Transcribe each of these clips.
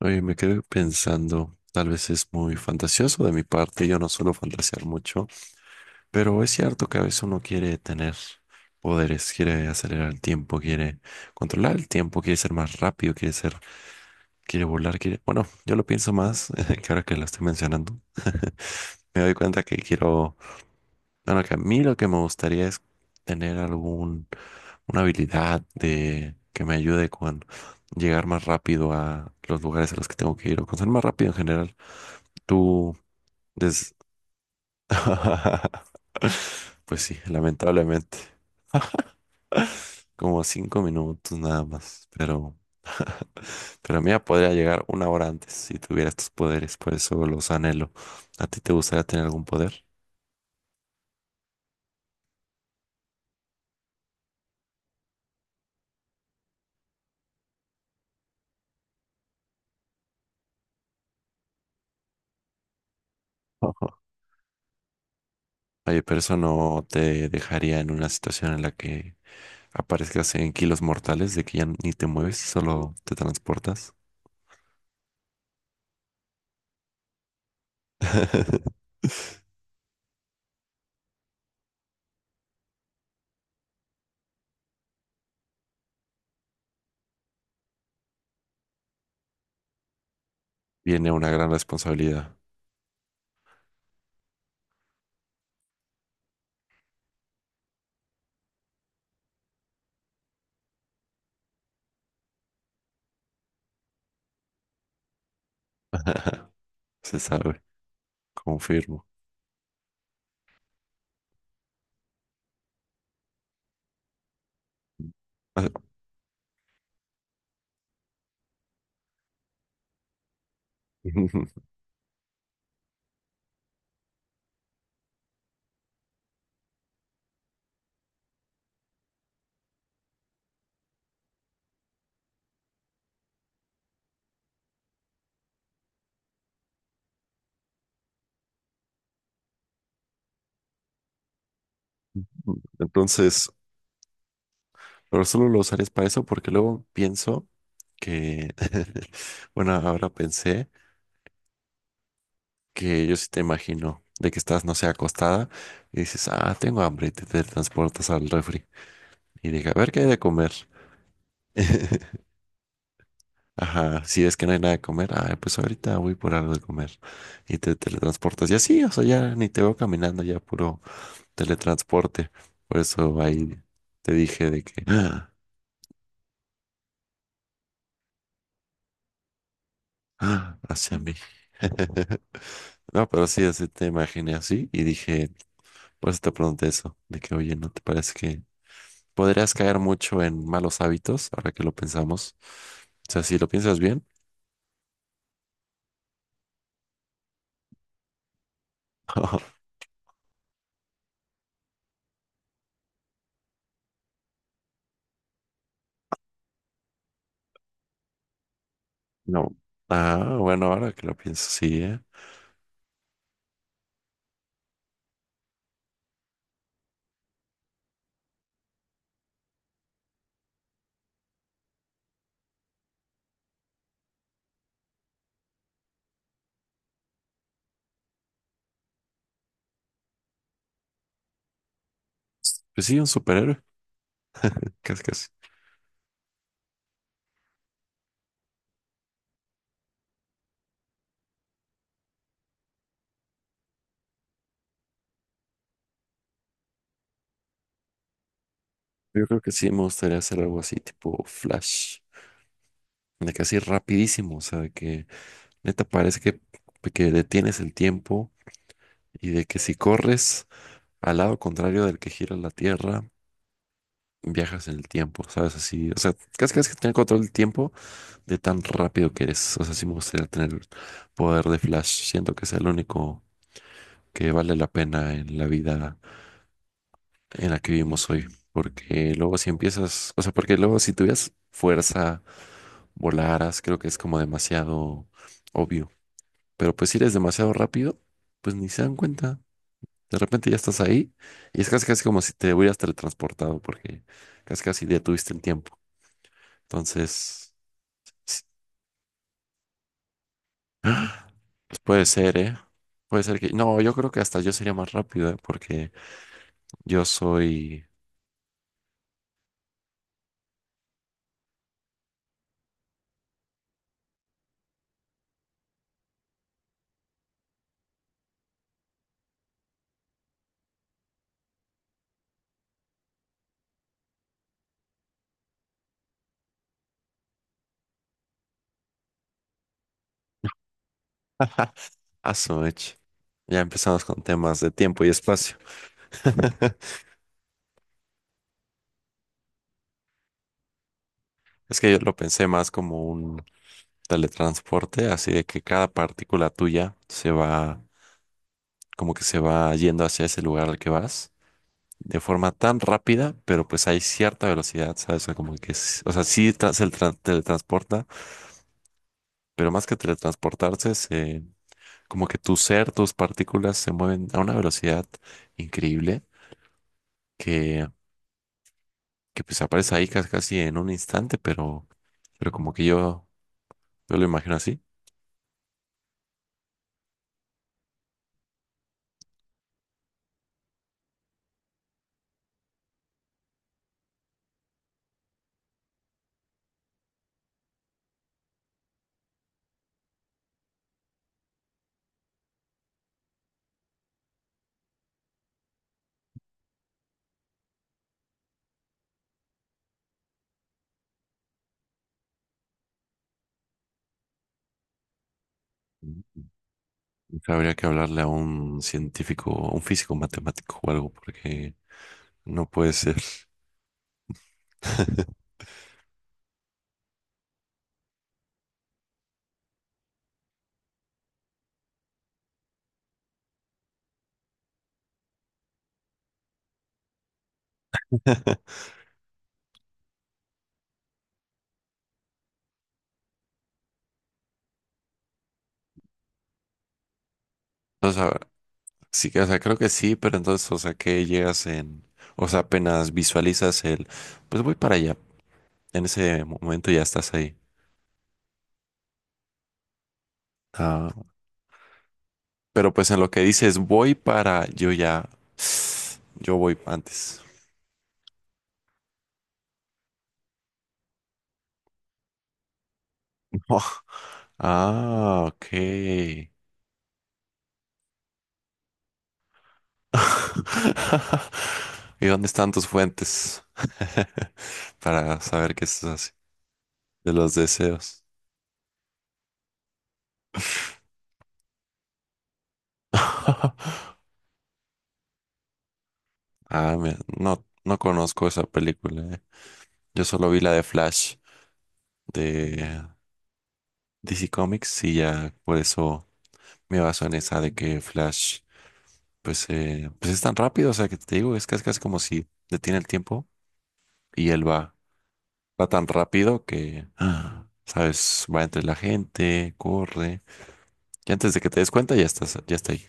Oye, me quedé pensando, tal vez es muy fantasioso de mi parte, yo no suelo fantasear mucho, pero es cierto que a veces uno quiere tener poderes, quiere acelerar el tiempo, quiere controlar el tiempo, quiere ser más rápido, quiere volar, quiere... Bueno, yo lo pienso más, que ahora que lo estoy mencionando, me doy cuenta que que a mí lo que me gustaría es tener una habilidad de que me ayude con llegar más rápido a los lugares a los que tengo que ir o con ser más rápido en general. Tú, des... pues sí, lamentablemente, como 5 minutos nada más, pero mía podría llegar una hora antes si tuviera estos poderes, por eso los anhelo. ¿A ti te gustaría tener algún poder? Ojo. Oye, pero eso no te dejaría en una situación en la que aparezcas en kilos mortales de que ya ni te mueves, solo te transportas. Viene una gran responsabilidad. Se sabe, confirmo. Ah, Entonces, pero solo lo usarías para eso porque luego pienso que, bueno, ahora pensé que yo sí te imagino de que estás, no sé, acostada y dices, ah, tengo hambre y te transportas al refri y dije, a ver qué hay de comer. Ajá, si es que no hay nada de comer, ah, pues ahorita voy por algo de comer y te teletransportas. Y así, o sea, ya ni te veo caminando, ya puro teletransporte. Por eso ahí te dije de que, ah, ah, hacia mí. No, pero sí, así te imaginé así y dije, por eso te pregunté eso, de que, oye, ¿no te parece que podrías caer mucho en malos hábitos ahora que lo pensamos? O sea, si lo piensas bien, no. Ah, bueno, ahora que lo pienso, sí, ¿eh? Pues sí, un superhéroe, casi casi. Yo creo que sí me gustaría hacer algo así tipo Flash, de que así rapidísimo, o sea, de que neta parece que detienes el tiempo y de que si corres al lado contrario del que gira la Tierra, viajas en el tiempo, ¿sabes? Así, o sea, casi casi que tener control del tiempo de tan rápido que eres, o sea, sí me gustaría tener poder de Flash, siento que es el único que vale la pena en la vida en la que vivimos hoy. Porque luego si empiezas, o sea, porque luego si tuvieras fuerza, volaras, creo que es como demasiado obvio. Pero pues si eres demasiado rápido, pues ni se dan cuenta. De repente ya estás ahí y es casi casi como si te hubieras teletransportado porque casi casi detuviste el tiempo. Entonces, s- pues puede ser, ¿eh? Puede ser que... No, yo creo que hasta yo sería más rápido, ¿eh? Porque yo soy... Aso, ech. Ya empezamos con temas de tiempo y espacio. Es que yo lo pensé más como un teletransporte, así de que cada partícula tuya se va, como que se va yendo hacia ese lugar al que vas, de forma tan rápida, pero pues hay cierta velocidad, ¿sabes? O sea, como que, teletransporta, pero más que teletransportarse, se, como que tu ser, tus partículas se mueven a una velocidad increíble que, que pues aparece ahí casi, casi en un instante, pero, pero como que yo, yo lo imagino así. Habría que hablarle a un científico, a un físico matemático o algo, porque no puede ser. O sea, sí, o sea, creo que sí, pero entonces, o sea, que llegas en, o sea, apenas visualizas el, pues voy para allá. En ese momento ya estás ahí. Ah, pero pues en lo que dices voy para, yo ya, yo voy antes. Ah, ok. ¿Y dónde están tus fuentes? Para saber que esto es así. De los deseos. Ah, mira, no, no conozco esa película. Eh. Yo solo vi la de Flash de DC Comics y ya por eso me baso en esa de que Flash, pues, pues es tan rápido. O sea, que te digo, es casi, casi como si detiene el tiempo y él va, va tan rápido que, ah, sabes, va entre la gente, corre. Y antes de que te des cuenta, ya estás, ya está ahí.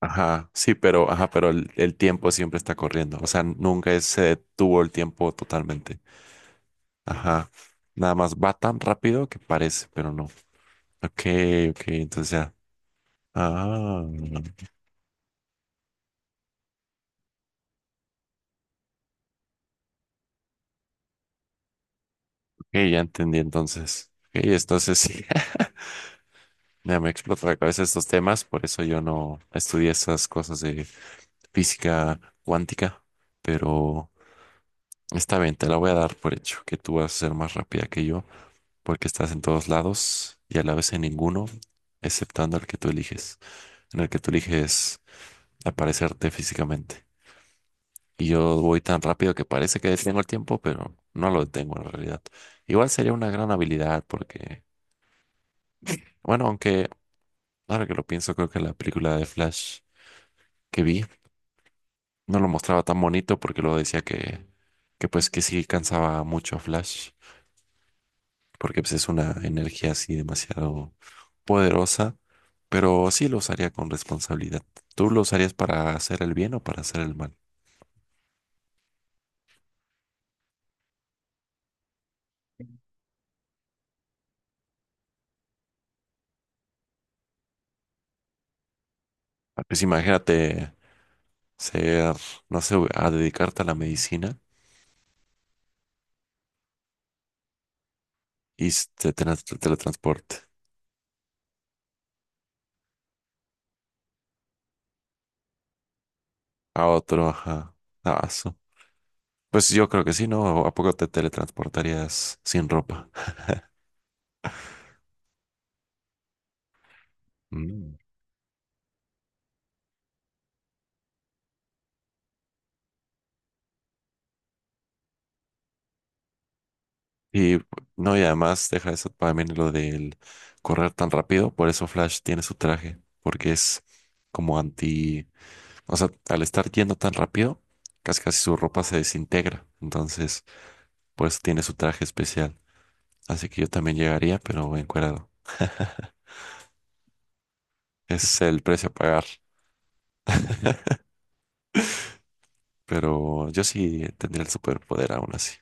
Ajá, sí, pero, ajá, pero el tiempo siempre está corriendo. O sea, nunca se detuvo el tiempo totalmente. Ajá. Nada más va tan rápido que parece, pero no. Ok, ok, entonces ya. Ah, ok, ya entendí entonces. Ok, entonces sí. Ya me explotó la cabeza estos temas, por eso yo no estudié esas cosas de física cuántica, pero está bien, te la voy a dar por hecho, que tú vas a ser más rápida que yo. Porque estás en todos lados y a la vez en ninguno, exceptando el que tú eliges, en el que tú eliges aparecerte físicamente. Y yo voy tan rápido que parece que detengo el tiempo, pero no lo detengo en realidad. Igual sería una gran habilidad porque, bueno, aunque ahora que lo pienso, creo que la película de Flash que vi no lo mostraba tan bonito porque luego decía que pues que sí cansaba mucho a Flash, porque pues es una energía así demasiado poderosa pero sí lo usaría con responsabilidad. ¿Tú lo usarías para hacer el bien o para hacer el mal? Ah, pues imagínate ser, no sé, a dedicarte a la medicina y te teletransporte a otro, ajá. Ah, su- Pues yo creo que sí, ¿no? ¿A poco te teletransportarías sin ropa? Mm. Y no, y además deja eso también lo del correr tan rápido, por eso Flash tiene su traje, porque es como anti. O sea, al estar yendo tan rápido, casi casi su ropa se desintegra. Entonces, por eso tiene su traje especial. Así que yo también llegaría, pero encuerado. Ese es el precio a pagar. Pero yo sí tendría el superpoder aún así.